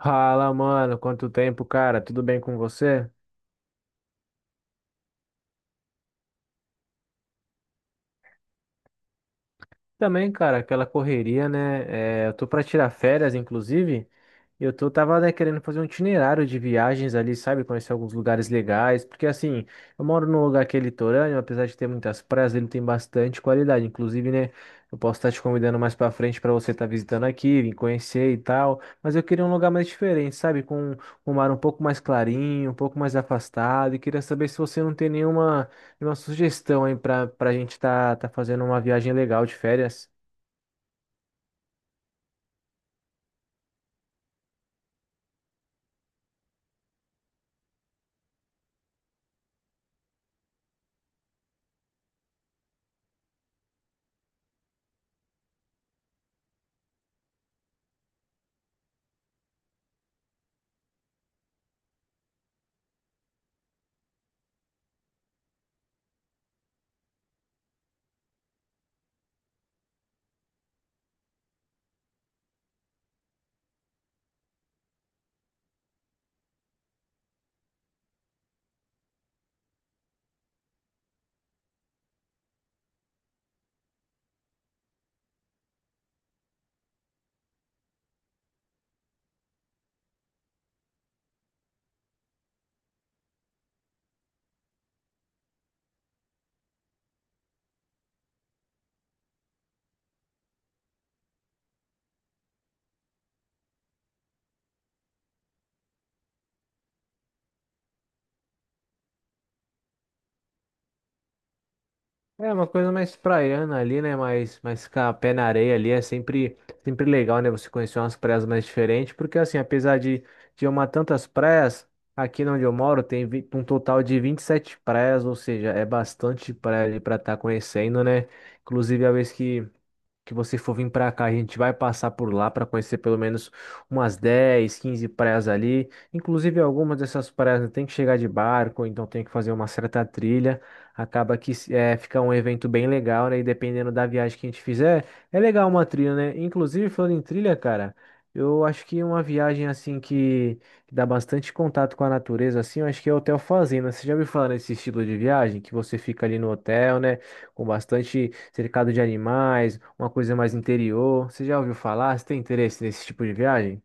Fala, mano, quanto tempo, cara? Tudo bem com você? Também, cara, aquela correria, né? É, eu tô pra tirar férias, inclusive, e eu tava, né, querendo fazer um itinerário de viagens ali, sabe? Conhecer alguns lugares legais, porque assim, eu moro num lugar que é litorâneo, apesar de ter muitas praias, ele tem bastante qualidade, inclusive, né? Eu posso estar te convidando mais pra frente pra você estar visitando aqui, vir conhecer e tal, mas eu queria um lugar mais diferente, sabe? Com um mar um pouco mais clarinho, um pouco mais afastado, e queria saber se você não tem nenhuma. E uma sugestão aí pra gente tá fazendo uma viagem legal de férias. É uma coisa mais praiana ali, né? Mais ficar pé na areia ali é sempre legal, né? Você conhecer umas praias mais diferentes. Porque assim, apesar de eu amar tantas praias, aqui onde eu moro tem um total de 27 praias, ou seja, é bastante praia ali pra estar conhecendo, né? Inclusive a vez que você for vir para cá, a gente vai passar por lá para conhecer pelo menos umas 10, 15 praias ali. Inclusive, algumas dessas praias né, tem que chegar de barco, ou então tem que fazer uma certa trilha. Acaba que é, fica um evento bem legal, né? E dependendo da viagem que a gente fizer, é legal uma trilha, né? Inclusive, falando em trilha, cara, eu acho que uma viagem assim que dá bastante contato com a natureza, assim, eu acho que é o Hotel Fazenda. Você já ouviu falar nesse estilo de viagem? Que você fica ali no hotel, né? Com bastante cercado de animais, uma coisa mais interior. Você já ouviu falar? Você tem interesse nesse tipo de viagem?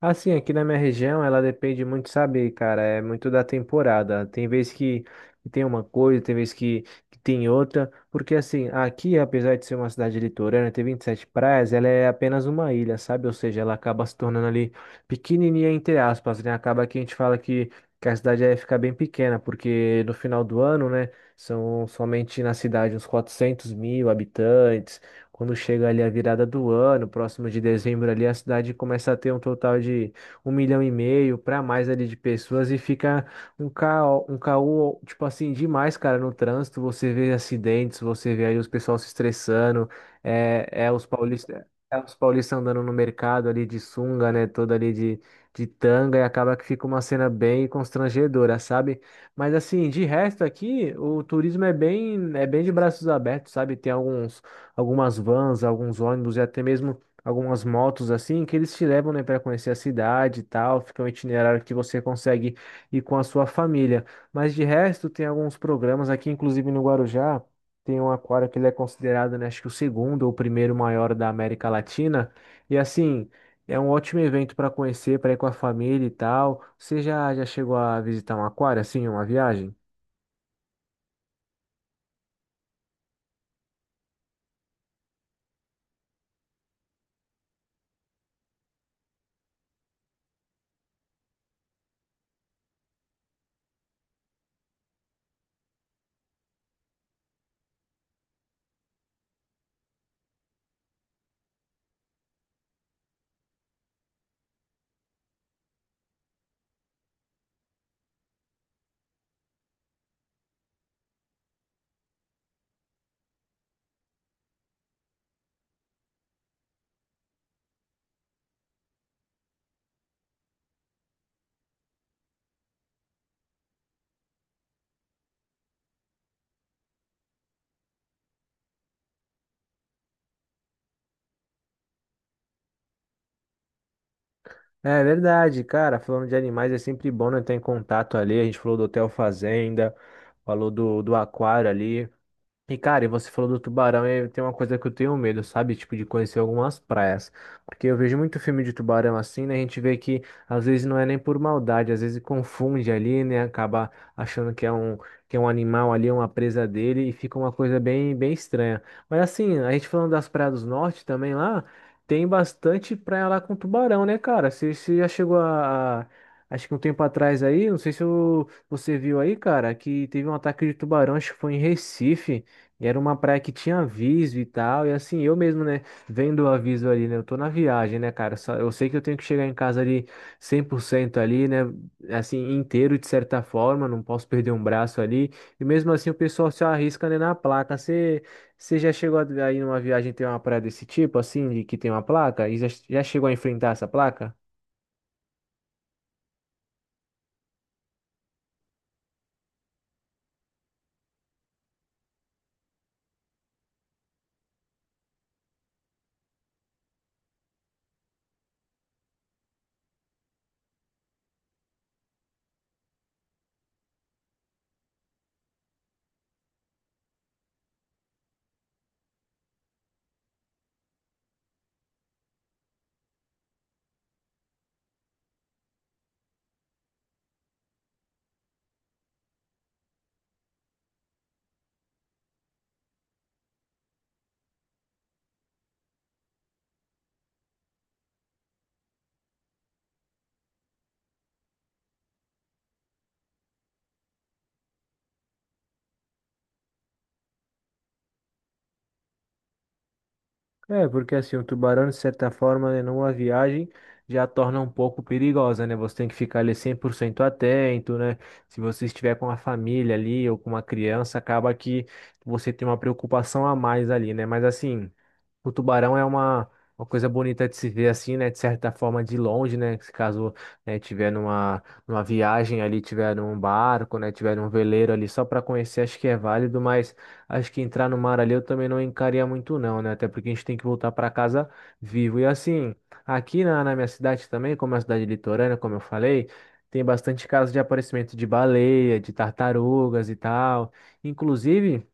Assim, aqui na minha região, ela depende muito, sabe, cara, é muito da temporada. Tem vez que tem uma coisa, tem vez que tem outra, porque assim, aqui, apesar de ser uma cidade litorânea, ter 27 praias, ela é apenas uma ilha, sabe? Ou seja, ela acaba se tornando ali pequenininha, entre aspas, né? Acaba que a gente fala que a cidade ia ficar bem pequena, porque no final do ano, né, são somente na cidade uns 400 mil habitantes. Quando chega ali a virada do ano, próximo de dezembro ali, a cidade começa a ter um total de um milhão e meio para mais ali de pessoas e fica um caos, tipo assim, demais, cara, no trânsito. Você vê acidentes, você vê aí os pessoal se estressando, é, é os paulistas, é os paulistas andando no mercado ali de sunga, né, toda ali de tanga, e acaba que fica uma cena bem constrangedora, sabe? Mas assim, de resto aqui, o turismo é bem de braços abertos, sabe? Tem alguns algumas vans, alguns ônibus e até mesmo algumas motos assim, que eles te levam, né, para conhecer a cidade e tal. Fica um itinerário que você consegue ir com a sua família. Mas de resto, tem alguns programas aqui, inclusive no Guarujá, tem um aquário que ele é considerado, né, acho que o segundo ou o primeiro maior da América Latina. E assim, é um ótimo evento para conhecer, para ir com a família e tal. Você já chegou a visitar um aquário assim, em uma viagem? É verdade, cara. Falando de animais, é sempre bom, né, estar em contato ali. A gente falou do Hotel Fazenda, falou do aquário ali. E, cara, e você falou do tubarão, e tem uma coisa que eu tenho medo, sabe? Tipo, de conhecer algumas praias. Porque eu vejo muito filme de tubarão assim, né? A gente vê que às vezes não é nem por maldade, às vezes confunde ali, né? Acaba achando que é um animal ali, uma presa dele, e fica uma coisa bem, bem estranha. Mas assim, a gente falando das praias do norte também lá, tem bastante praia lá com tubarão, né, cara? Você já chegou acho que um tempo atrás aí, não sei se você viu aí, cara, que teve um ataque de tubarão, acho que foi em Recife. E era uma praia que tinha aviso e tal, e assim, eu mesmo, né, vendo o aviso ali, né, eu tô na viagem, né, cara, só, eu sei que eu tenho que chegar em casa ali 100% ali, né, assim, inteiro de certa forma, não posso perder um braço ali, e mesmo assim o pessoal se arrisca, né, na placa, você já, chegou aí numa viagem, tem uma praia desse tipo, assim, de que tem uma placa, e já chegou a enfrentar essa placa? É, porque assim, o tubarão, de certa forma, né, numa viagem já torna um pouco perigosa, né? Você tem que ficar ali 100% atento, né? Se você estiver com a família ali ou com uma criança, acaba que você tem uma preocupação a mais ali, né? Mas assim, o tubarão é uma coisa bonita de se ver assim, né? De certa forma, de longe, né? Se caso, né, tiver numa, numa viagem ali, tiver num barco, né? Tiver num veleiro ali, só para conhecer, acho que é válido, mas acho que entrar no mar ali eu também não encaria muito, não, né? Até porque a gente tem que voltar para casa vivo. E assim, aqui na minha cidade também, como é uma cidade litorânea, como eu falei, tem bastante casos de aparecimento de baleia, de tartarugas e tal. Inclusive,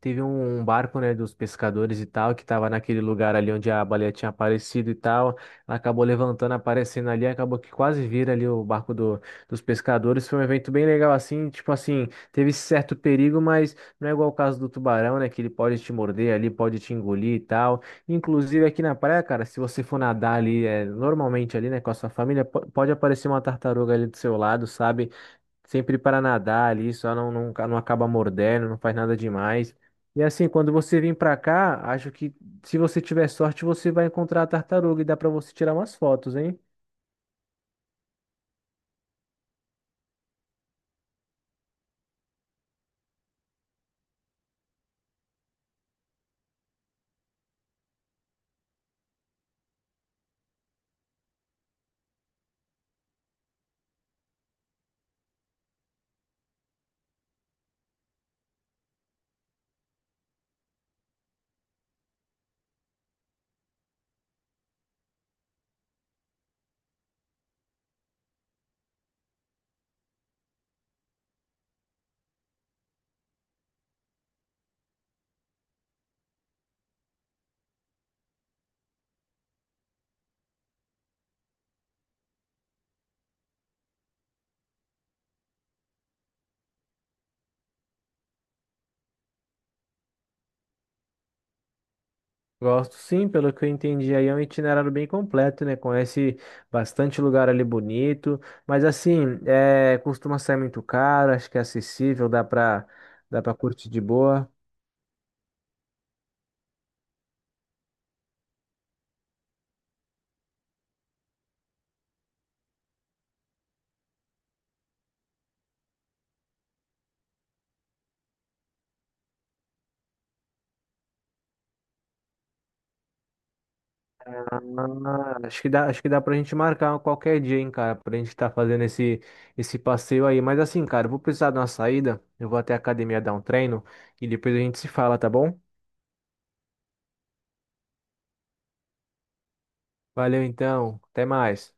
teve um barco, né, dos pescadores e tal, que tava naquele lugar ali onde a baleia tinha aparecido e tal. Ela acabou levantando, aparecendo ali, acabou que quase vira ali o barco dos pescadores. Foi um evento bem legal assim, tipo assim, teve esse certo perigo, mas não é igual o caso do tubarão, né, que ele pode te morder ali, pode te engolir e tal. Inclusive aqui na praia, cara, se você for nadar ali, é, normalmente ali, né, com a sua família, pode aparecer uma tartaruga ali do seu lado, sabe? Sempre para nadar ali, só não acaba mordendo, não faz nada demais. E assim, quando você vir para cá, acho que se você tiver sorte, você vai encontrar a tartaruga e dá para você tirar umas fotos, hein? Gosto sim, pelo que eu entendi aí, é um itinerário bem completo, né? Conhece bastante lugar ali bonito, mas assim, é, costuma sair muito caro, acho que é acessível, dá para curtir de boa. Ah, acho que dá pra gente marcar qualquer dia, hein, cara, pra gente tá fazendo esse passeio aí. Mas assim, cara, eu vou precisar de uma saída. Eu vou até a academia dar um treino e depois a gente se fala, tá bom? Valeu então, até mais.